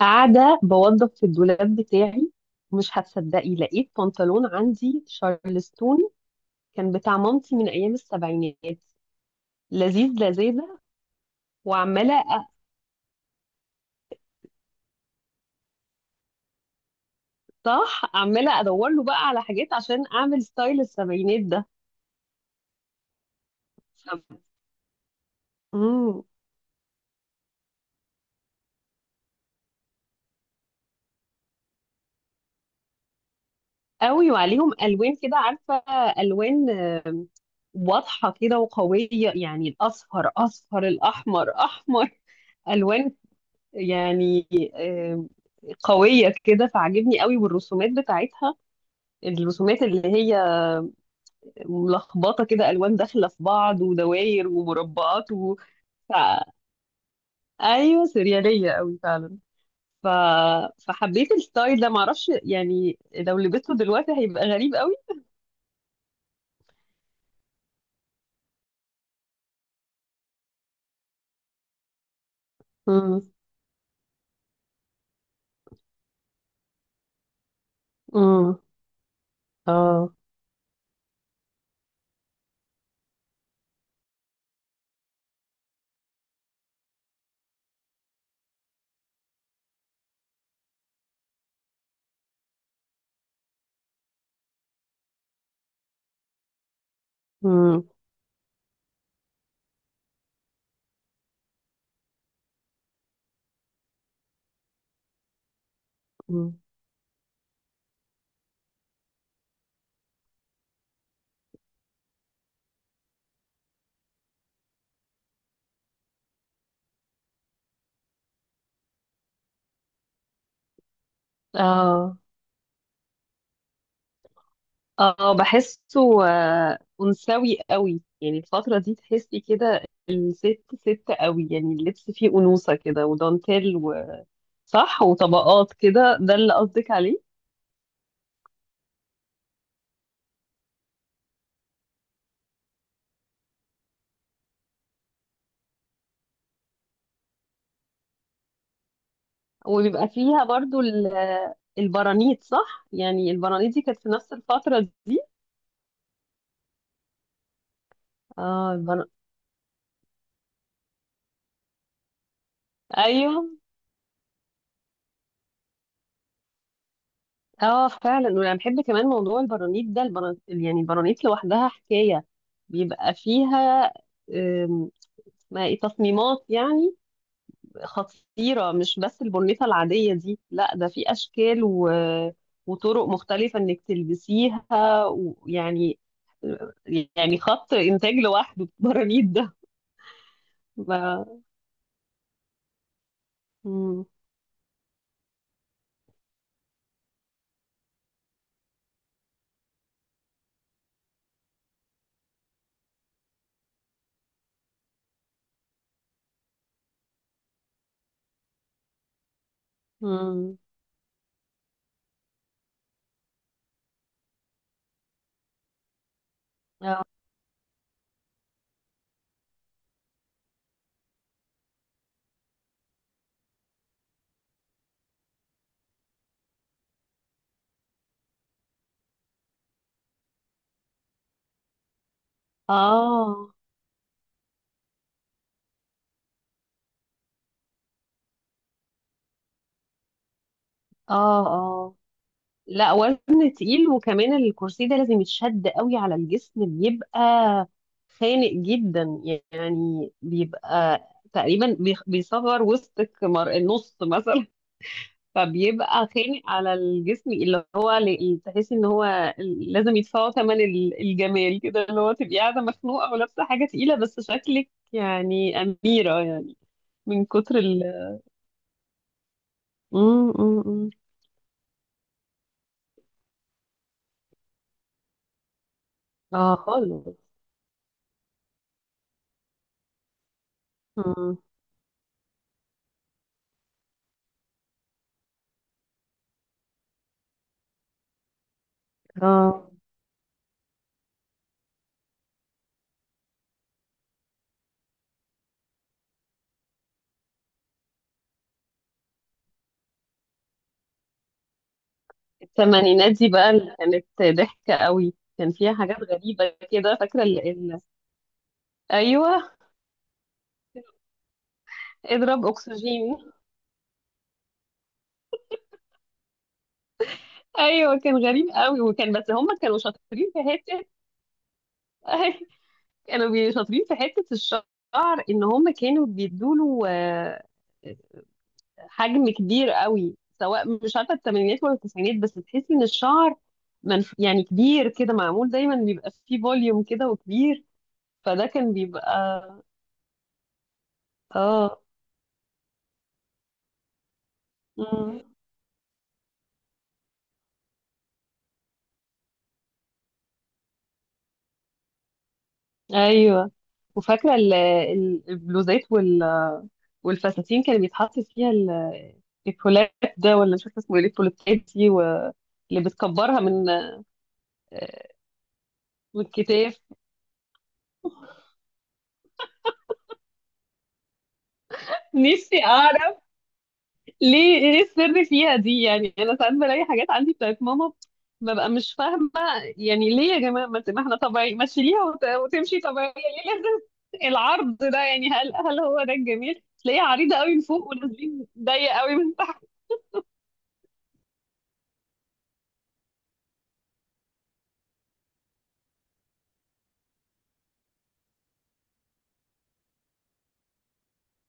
قاعدة بوظف في الدولاب بتاعي. مش هتصدقي، لقيت بنطلون عندي شارلستون. كان بتاع مامتي من أيام السبعينات. لذيذ لذاذة. وعمالة أ- صح، عمالة أدور له بقى على حاجات عشان أعمل ستايل السبعينات ده. امم. قوي، وعليهم ألوان كده عارفة. ألوان واضحة كده وقوية، يعني الأصفر أصفر، الأحمر أحمر. ألوان، يعني، قوية كده، فعجبني قوي، والرسومات بتاعتها. الرسومات اللي هي ملخبطة كده، ألوان داخلة في بعض، ودواير ومربعات ف... أيوة، سريالية قوي فعلا. ف... فحبيت الستايل ده، معرفش يعني لو لبسته دلوقتي هيبقى غريب قوي. امم. امم. اه. امم. امم. اه. اه، بحسه. آه، أنثوي قوي، يعني الفترة دي تحسي كده. الست ست قوي، يعني اللبس فيه أنوثة كده ودانتيل صح، وطبقات كده، ده اللي قصدك عليه. وبيبقى فيها برضو ال- البرانيت، صح، يعني البرانيت دي كانت في نفس الفترة دي. اه، ايوه. اه فعلا، وانا بحب كمان موضوع البرانيت ده. البرانيت، يعني البرانيت لوحدها حكاية. بيبقى فيها، آم، اسمها ايه، تصميمات يعني. خطيرة، مش بس البنيطة العادية دي، لا ده في أشكال وطرق مختلفة إنك تلبسيها. ويعني يعني يعني خط إنتاج لوحده. البرانيت ده ما... مم. مم. آه، آه، آه، لا وزن تقيل، وكمان الكرسي ده لازم يتشد قوي على الجسم، بيبقى خانق جدا. يعني بيبقى تقريبا بيصغر وسطك، النص مثلا. فبيبقى خانق على الجسم، اللي هو تحسي ان هو لازم يدفعوا ثمن الجمال كده، اللي هو تبقي قاعده مخنوقه ولابسه حاجه تقيله، بس شكلك يعني اميره، يعني من كتر مم، مم، مم. اه خالص. مم. اه، الثمانينات دي بقى، اللي كانت ضحكه قوي، كان فيها حاجات غريبه كده، فاكره. ايوه. اضرب اكسجين. ايوه، كان غريب قوي، وكان بس هم كانوا شاطرين في حته. شاطرين في حتة الشعر، ان هم كانوا بيدوله حجم كبير قوي. سواء مش عارفة الثمانينات ولا التسعينات، بس تحسي ان الشعر يعني كبير كده، معمول دايما، بيبقى فيه فوليوم كده وكبير. فده كان بيبقى. اه. مم. ايوه، وفاكرة البلوزات والفساتين كان بيتحط فيها الكولات ده، ولا مش فاكرة اسمه ايه الكولاتات دي اللي بتكبرها من، آه، من الكتاف. نفسي اعرف ليه، ايه السر فيها دي؟ يعني انا ساعات بلاقي حاجات عندي بتاعت ماما، ببقى مش فاهمه، يعني ليه يا جماعه، ما احنا طبيعي، ما تشيليها وتمشي طبيعيه، ليه لازم العرض ده؟ يعني هل هو ده الجميل، تلاقيها عريضه قوي من فوق، ونازلين ضيق قوي من تحت؟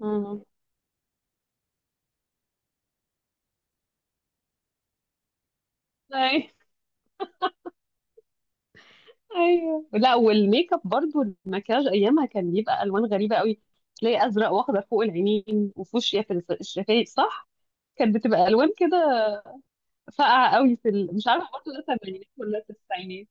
مم. أي- ايوه، لا، والميك اب برضو، المكياج ايامها كان بيبقى الوان غريبه قوي. تلاقي ازرق واخضر فوق العينين، وفوشيا في الشفايف، صح. كانت بتبقى الوان كده ساقعة قوي، مش عارفة برضه ده الثمانينات ولا التسعينات.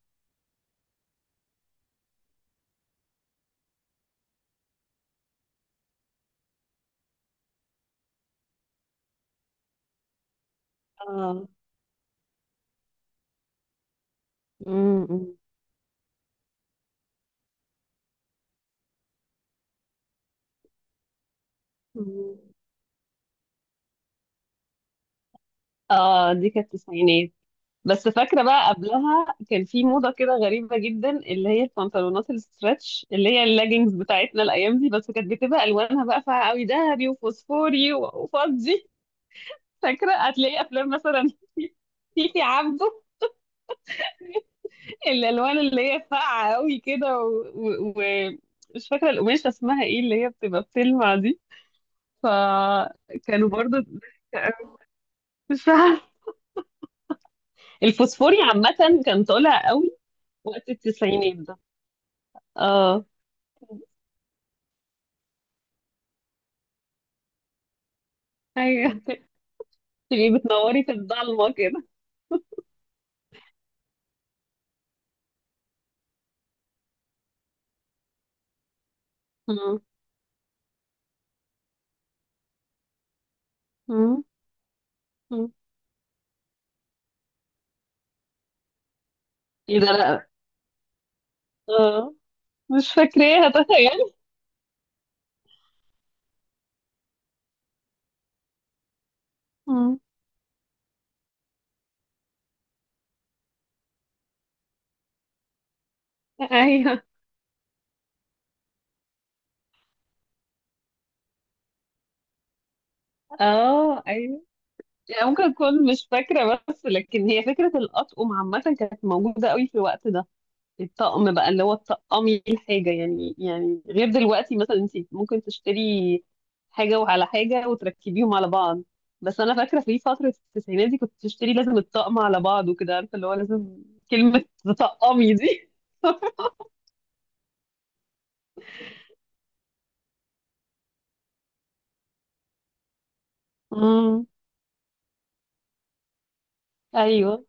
اه. امم. اه، دي كانت التسعينات. بس فاكرة بقى، قبلها كان في موضة كده غريبة جدا، اللي هي البنطلونات الستريتش، اللي هي اللاجينز بتاعتنا الأيام دي، بس كانت بتبقى ألوانها بقى فيها قوي ذهبي وفوسفوري وفضي. فاكرة هتلاقي أفلام مثلا. تيتي عبده، الألوان اللي هي فاقعة قوي كده مش فاكرة القماشة اسمها ايه اللي هي بتبقى بتلمع دي. فكانوا برضو ضحك. أوي. مش عارفة، الفوسفوري عامة كان طالع قوي وقت التسعينات ده. اه. ايوه، تبقي بتنوري في الضلمة كده. مم. مم. مم. ايه ده؟ لا. اه. مش فاكراها، تخيل. مم. ايوه. اه، ايوه، يعني ممكن اكون مش فاكرة، بس لكن هي فكرة الأطقم عامة كانت موجودة قوي في الوقت ده. الطقم بقى، اللي هو تطقمي الحاجة، يعني، يعني غير دلوقتي، مثلا انت ممكن تشتري حاجة وعلى حاجة وتركبيهم على بعض. بس انا فاكرة في فترة التسعينات دي، كنت تشتري لازم الطقم على بعض، وكده، عارفة، اللي هو لازم كلمة تطقمي دي. امم. ايوه.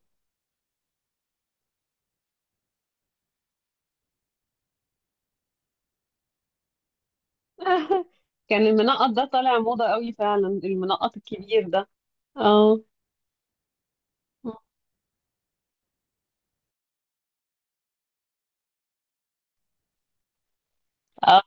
كان المنقط ده طالع موضة قوي فعلا، المنقط الكبير ده. اه. آه.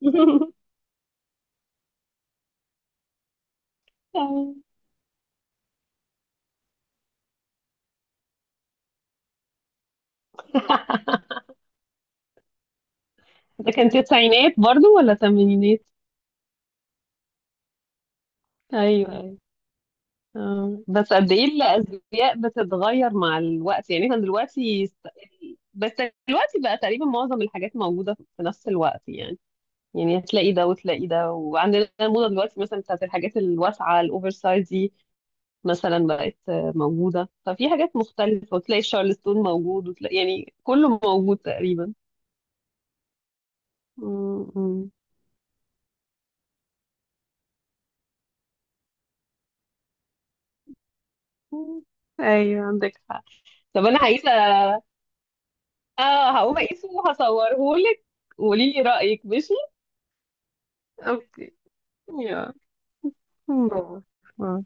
ده كان تسعينات برضو ولا تمانينات؟ ايوه. آه، بس قد ايه الازياء بتتغير مع الوقت! يعني احنا دلوقتي بس دلوقتي بقى تقريبا معظم الحاجات موجوده في نفس الوقت. يعني هتلاقي ده وتلاقي ده، وعندنا الموضه دلوقتي مثلا بتاعت الحاجات الواسعه، الاوفر سايز دي مثلا بقت، موجوده، ففي حاجات مختلفه، وتلاقي الشارلستون موجود، وتلاقي يعني كله موجود تقريبا. م- م- م. ايوه عندك حق. طب انا عايزه. اه، هقوم اقيسه وهصوره لك، وقولي لي رايك، ماشي؟ Okay. Ja. Bravo. Ja.